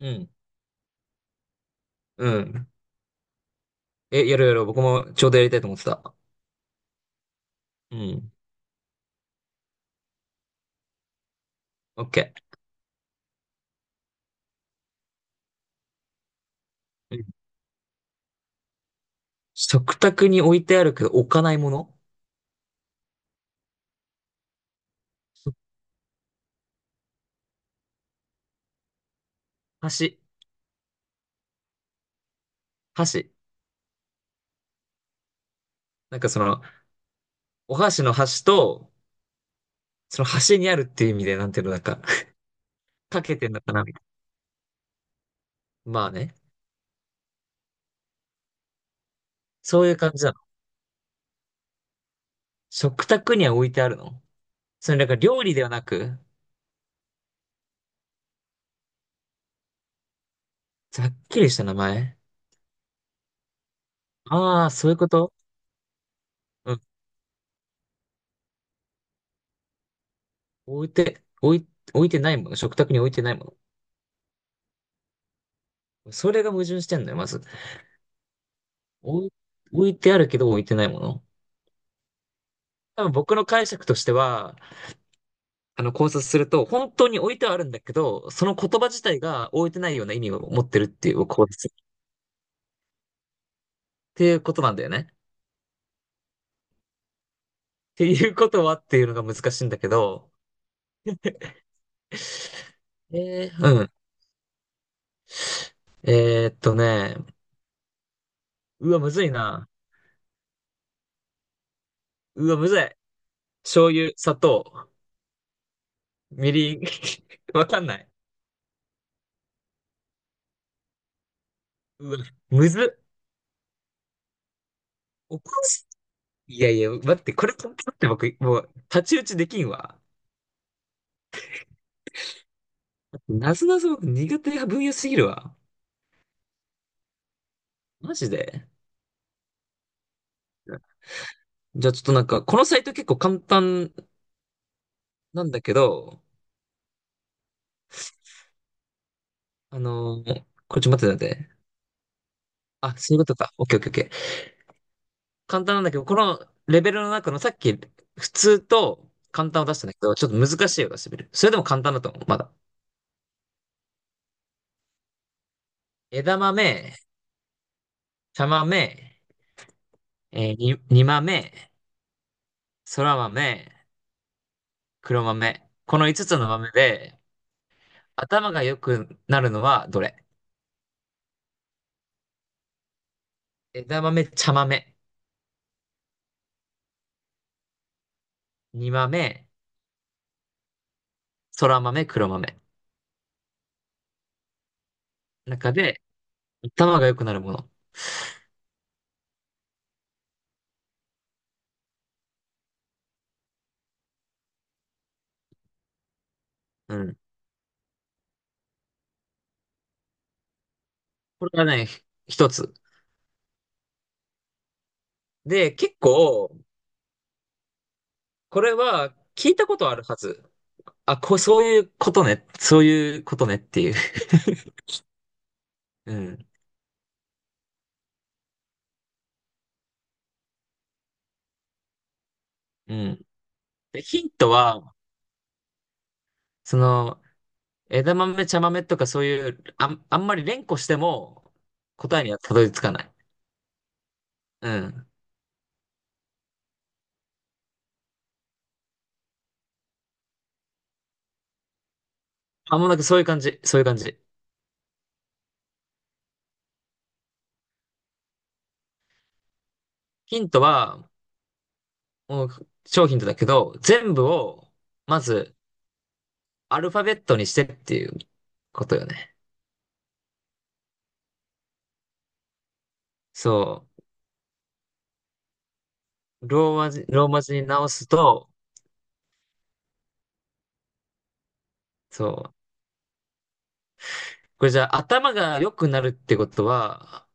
うん。うん。え、やるやる。僕もちょうどやりたいと思ってた。うん。オッケー。うん。食卓に置いてあるけど置かないもの。箸。箸。なんかその、お箸の箸と、その箸にあるっていう意味で、なんていうの、なんか、かけてんのかなみたいな。まあね。そういう感じなの。食卓には置いてあるの？それなんか料理ではなく、ざっくりした名前。ああ、そういうこと。うん。置いて、置い、置いてないもの。食卓に置いてないもの。それが矛盾してんのよ、まず。置い、置いてあるけど置いてないもの。多分僕の解釈としては、あの考察すると、本当に置いてはあるんだけど、その言葉自体が置いてないような意味を持ってるっていう考察。っていうことなんだよね。っていうことはっていうのが難しいんだけど、うん。えーっとね、うわ、むずいな。うわ、むずい。醤油、砂糖、みりん。わかんない。うわ、むずっ。おかしい、いやいや、待って、これ、だって僕、もう、太刀打ちできんわ。なぞなぞ苦手な分野すぎるわ。マジで。じゃあちょっとなんか、このサイト結構簡単なんだけど、これちょっと待って待って。あ、そういうことか。オッケーオッケーオッケー。簡単なんだけど、このレベルの中のさっき普通と簡単を出したんだけど、ちょっと難しいを出してみる。それでも簡単だと思う、まだ。枝豆、茶豆、煮豆、空豆、黒豆。この5つの豆で、頭が良くなるのはどれ？枝豆、茶豆、煮豆、そら豆、黒豆。中で、頭が良くなるもの。うん。これがね、一つ。で、結構、これは聞いたことあるはず。あ、こう、そういうことね。そういうことねっていう。うん。うん。で、ヒントは、その、枝豆、茶豆とかそういう、あんまり連呼しても答えにはたどり着かない。うん。あ、もうなんかそういう感じ。そういう感じ。ヒントは、もう、商品だけど、全部を、まず、アルファベットにしてっていうことよね。そう。ローマ字に直すと、そう。これじゃあ頭が良くなるってことは、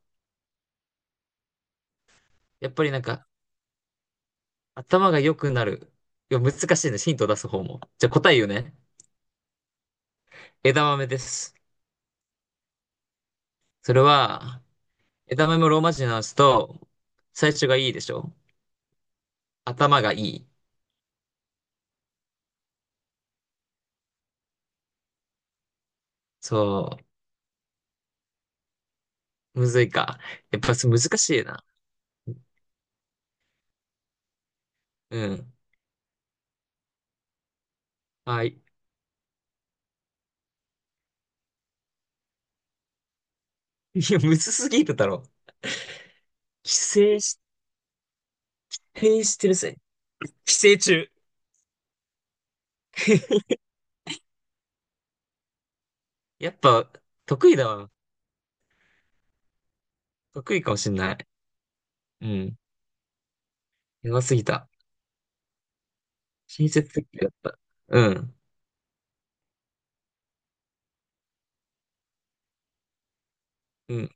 やっぱりなんか頭が良くなる。いや、難しいね。ヒントを出す方も。じゃあ答え言うね。枝豆です。それは、枝豆もローマ字に直すと、最初がいいでしょ？頭がいい。そう。むずいか。やっぱそう難しいな。うん。はい。いや、むずすぎるだろ。規制し、規制してる、寄生虫。やっぱ、得意だわ。得意かもしんない。うん。やばすぎた。親切設計だった。うん。うん。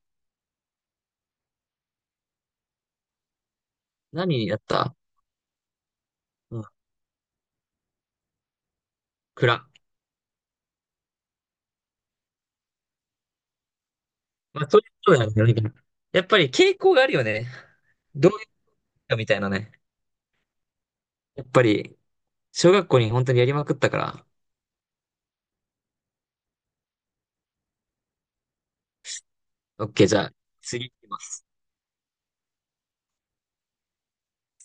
何やった？うん。蔵。まあ、そういうことだよね。やっぱり傾向があるよね。どういうかみたいなね。やっぱり、小学校に本当にやりまくったから。オッケー、じゃあ、次いきます。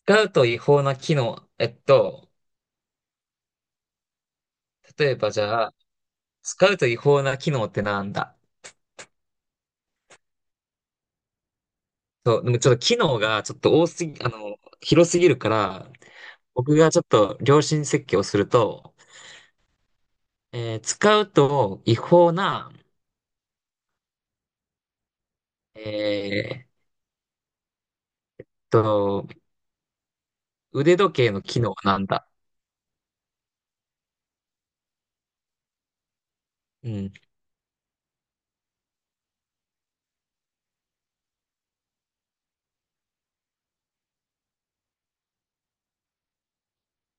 使うと違法な機能。例えばじゃあ、使うと違法な機能ってなんだ？そう、でもちょっと機能がちょっと多すぎ、あの、広すぎるから、僕がちょっと良心設計をすると、使うと違法な、えーっと、腕時計の機能はなんだ。うん。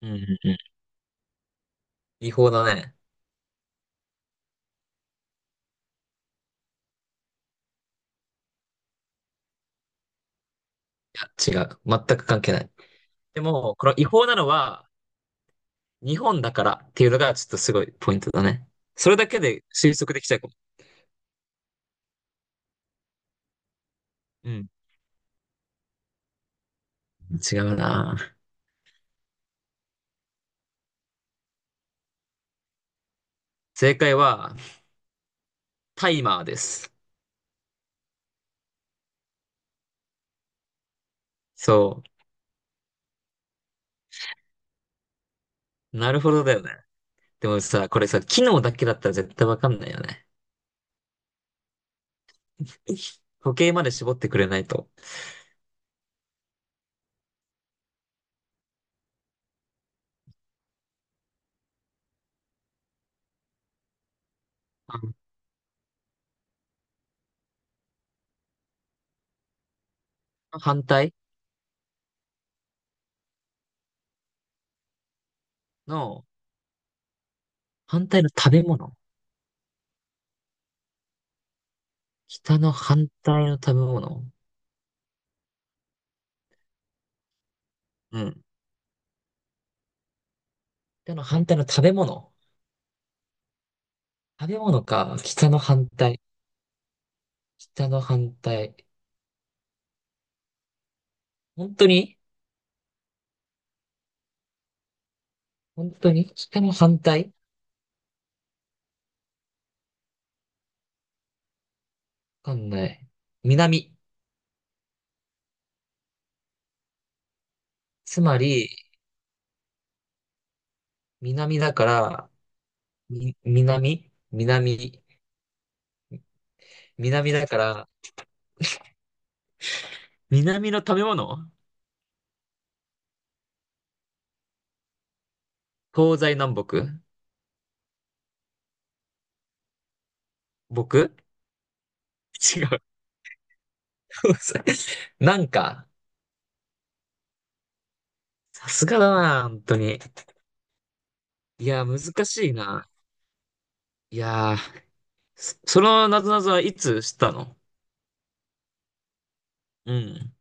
うん、うん、うん。違法だね。いや、違う。全く関係ない。でも、この違法なのは日本だからっていうのがちょっとすごいポイントだね。それだけで推測できちゃうかも。うん。違うな。正解はタイマーです。そう。なるほどだよね。でもさ、これさ、機能だけだったら絶対わかんないよね。時計まで絞ってくれないと。あの反対の、反対の食べ物。北の反対の食べ物。うん。北の反対の食べ物。食べ物か。北の反対。北の反対。本当に？本当に北の反対。わかんない。南。つまり、南だから、南。南だから、南の食べ物。東西南北。僕。違う。東西。なんか、さすがだな、本当に。いや、難しいな。いやー、そのなぞなぞはいつ知ったの？うん。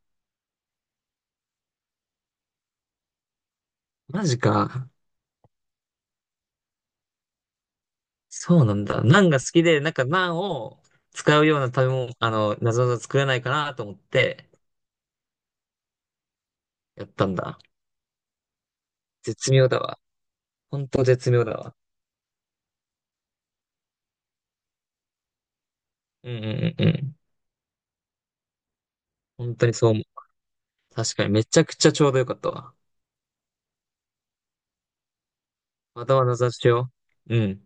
マジか。そうなんだ。ナンが好きで、なんかナンを使うような食べ物、なぞなぞ作れないかなと思ってやったんだ。絶妙だわ。本当絶妙だわ。うんうんうんうん。本当にそう思う。確かにめちゃくちゃちょうどよかったわ。またはなぞなぞしよう。うん。